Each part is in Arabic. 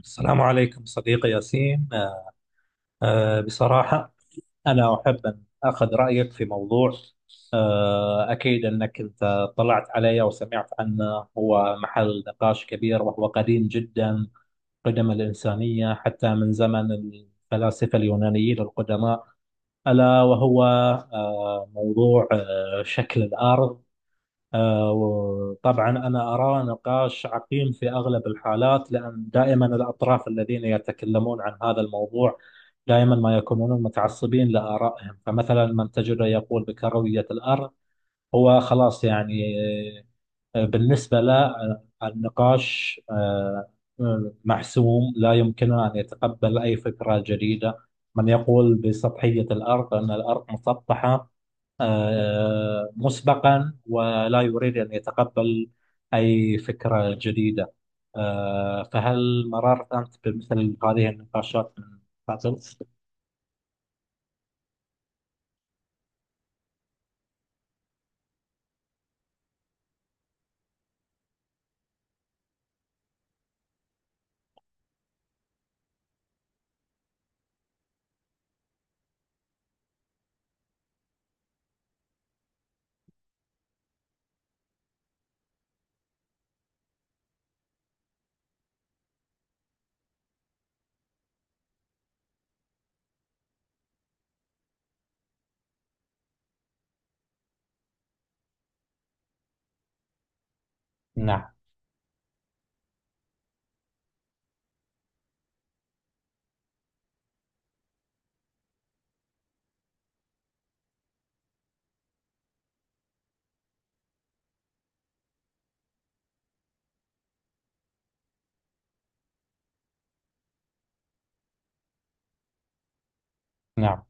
السلام عليكم صديقي ياسين. بصراحة، أنا أحب أن أخذ رأيك في موضوع. أكيد أنك أنت طلعت عليه وسمعت عنه، هو محل نقاش كبير وهو قديم جدا قدم الإنسانية، حتى من زمن الفلاسفة اليونانيين القدماء، ألا وهو موضوع شكل الأرض. وطبعا أنا أراه نقاش عقيم في أغلب الحالات، لأن دائما الأطراف الذين يتكلمون عن هذا الموضوع دائما ما يكونون متعصبين لآرائهم. فمثلا من تجده يقول بكروية الأرض هو خلاص، يعني بالنسبة له النقاش محسوم، لا يمكنه أن يتقبل أي فكرة جديدة. من يقول بسطحية الأرض، أن الأرض مسطحة مسبقا، ولا يريد أن يتقبل أي فكرة جديدة. فهل مررت أنت بمثل هذه النقاشات من قبل؟ نعم، نعم.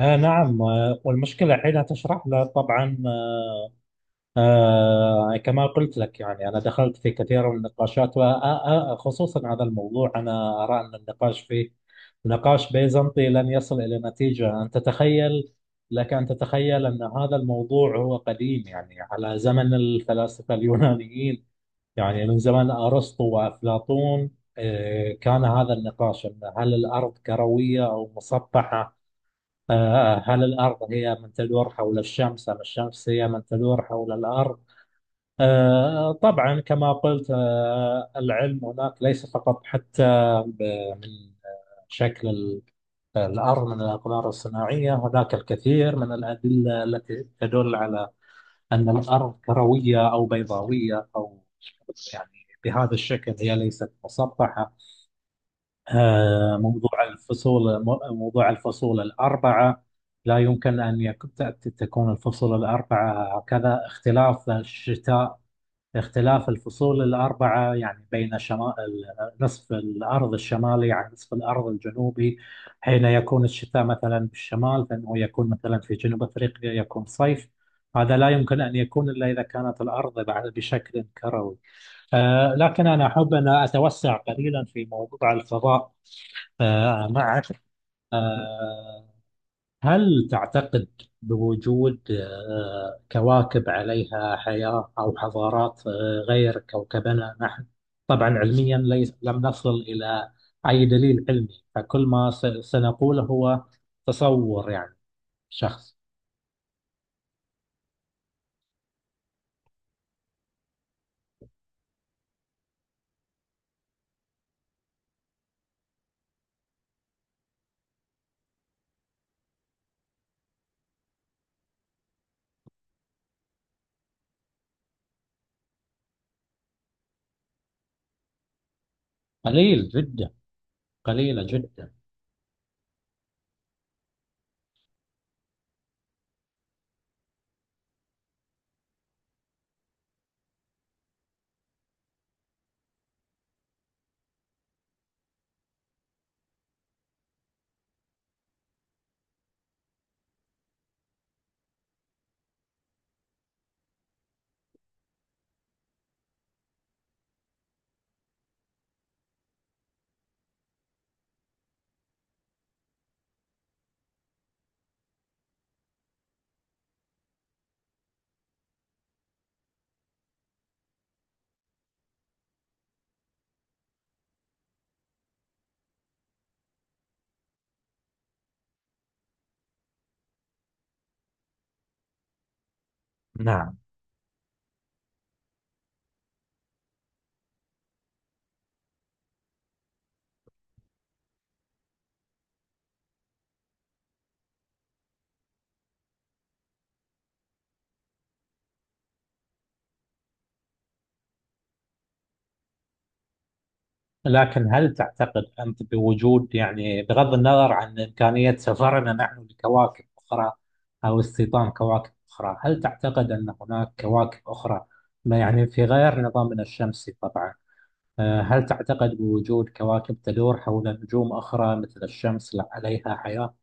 نعم. والمشكلة حينها تشرح له طبعا، كما قلت لك، يعني أنا دخلت في كثير من النقاشات، وخصوصا هذا الموضوع. أنا أرى أن النقاش فيه نقاش بيزنطي لن يصل إلى نتيجة. أن تتخيل، لك أن تتخيل أن هذا الموضوع هو قديم، يعني على زمن الفلاسفة اليونانيين، يعني من زمن أرسطو وأفلاطون. كان هذا النقاش، أن هل الأرض كروية أو مسطحة؟ هل الأرض هي من تدور حول الشمس، أم الشمس هي من تدور حول الأرض؟ طبعا كما قلت، العلم هناك ليس فقط حتى من شكل ال- الأرض من الأقمار الصناعية. هناك الكثير من الأدلة التي تدل على أن الأرض كروية أو بيضاوية، أو يعني بهذا الشكل، هي ليست مسطحة. موضوع الفصول، موضوع الفصول الأربعة لا يمكن أن يكون، تكون الفصول الأربعة هكذا، اختلاف الشتاء، اختلاف الفصول الأربعة يعني بين شمال، نصف الأرض الشمالي عن نصف الأرض الجنوبي. حين يكون الشتاء مثلا في الشمال، فإنه يكون مثلا في جنوب أفريقيا يكون صيف. هذا لا يمكن أن يكون إلا إذا كانت الأرض بشكل كروي. لكن أنا أحب أن أتوسع قليلا في موضوع الفضاء. معك. آه، هل تعتقد بوجود كواكب عليها حياة أو حضارات غير كوكبنا نحن؟ طبعا علميا، ليس، لم نصل إلى أي دليل علمي. فكل ما سنقوله هو تصور، يعني شخص، قليل جدا، قليلة جدا. نعم. لكن هل تعتقد أنت بوجود، يعني بغض النظر عن إمكانية سفرنا نحن لكواكب أخرى أو استيطان كواكب أخرى، هل تعتقد أن هناك كواكب أخرى، ما يعني في غير نظامنا الشمسي طبعا، هل تعتقد بوجود كواكب تدور حول نجوم أخرى مثل الشمس، لا عليها حياة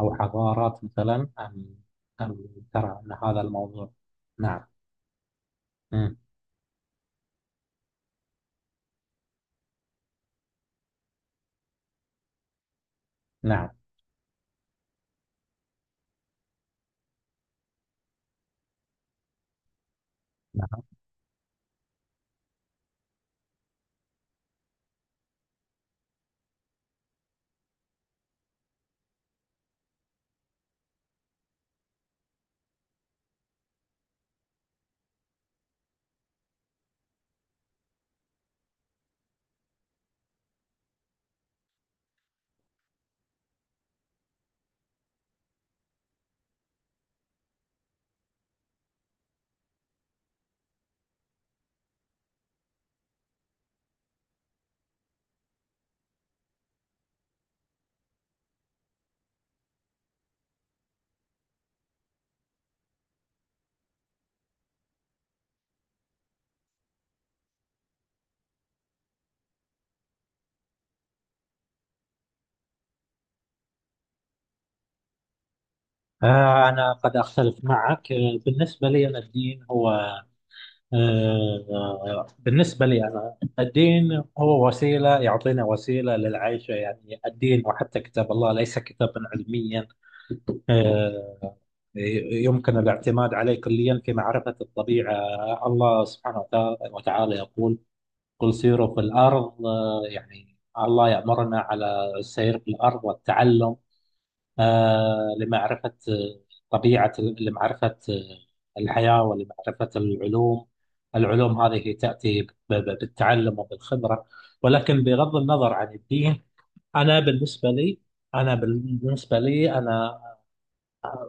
أو حضارات مثلا؟ أم ترى أن هذا الموضوع؟ نعم. مم. نعم، نعم. أنا قد أختلف معك. بالنسبة لي أنا الدين هو وسيلة، يعطينا وسيلة للعيش. يعني الدين وحتى كتاب الله ليس كتابا علميا آه، يمكن الاعتماد عليه كليا في معرفة الطبيعة. الله سبحانه وتعالى يقول: قل سيروا في الأرض، يعني الله يأمرنا على السير في الأرض والتعلم لمعرفة طبيعة، لمعرفة الحياة، ولمعرفة العلوم. العلوم هذه تأتي بالتعلم وبالخبرة. ولكن بغض النظر عن الدين، أنا بالنسبة لي أنا بالنسبة لي أنا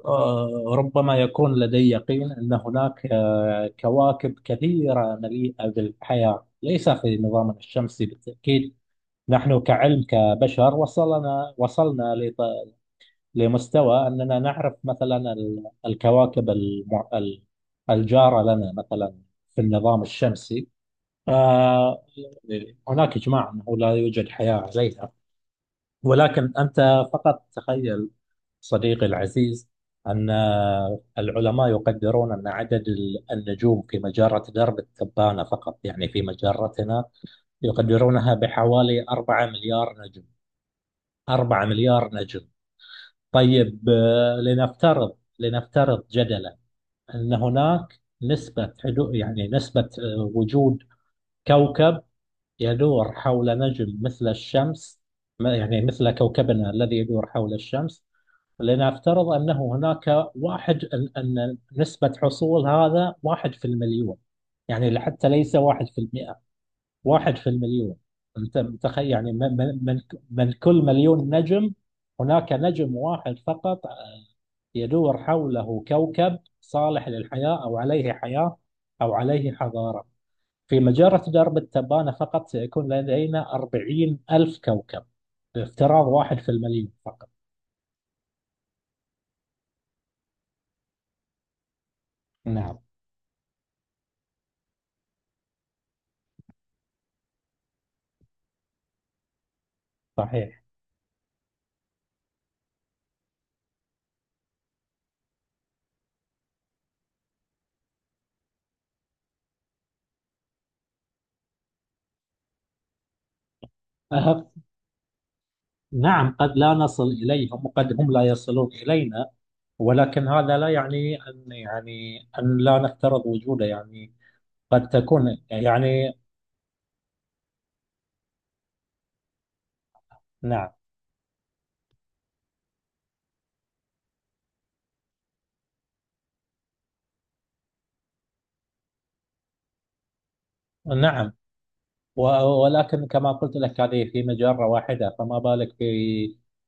ربما يكون لدي يقين أن هناك كواكب كثيرة مليئة بالحياة، ليس في نظامنا الشمسي بالتأكيد. نحن كعلم كبشر وصلنا لمستوى أننا نعرف، مثلا الكواكب الجارة لنا، مثلا في النظام الشمسي. آه، هناك إجماع أنه لا يوجد حياة عليها. ولكن أنت فقط تخيل، صديقي العزيز، أن العلماء يقدرون أن عدد النجوم في مجرة درب التبانة فقط، يعني في مجرتنا، يقدرونها بحوالي 4 مليار نجم. 4 مليار نجم. طيب، لنفترض، جدلا أن هناك نسبة حدو، يعني نسبة وجود كوكب يدور حول نجم مثل الشمس، يعني مثل كوكبنا الذي يدور حول الشمس. لنفترض أنه هناك واحد، أن نسبة حصول هذا واحد في المليون، يعني حتى ليس واحد في المئة، واحد في المليون. انت متخيل، يعني من كل مليون نجم هناك نجم واحد فقط يدور حوله كوكب صالح للحياة، أو عليه حياة، أو عليه حضارة؟ في مجرة درب التبانة فقط سيكون لدينا 40,000 كوكب، بافتراض واحد في المليون فقط. نعم، صحيح. أه نعم، قد لا نصل إليهم، وقد هم لا يصلون إلينا. ولكن هذا لا يعني أن، يعني أن لا نفترض وجوده، يعني قد تكون يعني. نعم، نعم. و- ولكن كما قلت لك، هذه في مجرة واحدة، فما بالك في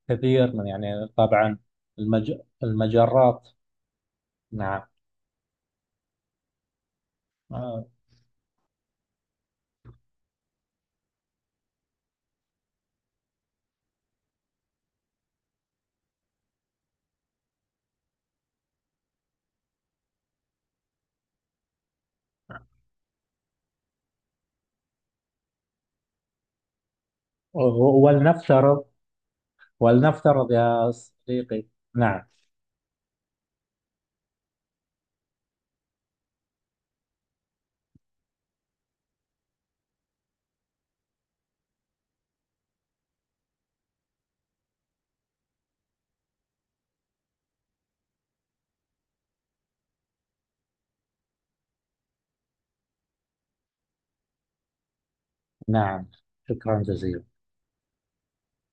كثير من، يعني طبعا، المج... المجرات. نعم. آه. ولنفترض، يا صديقي. نعم. نعم، شكرا جزيلا.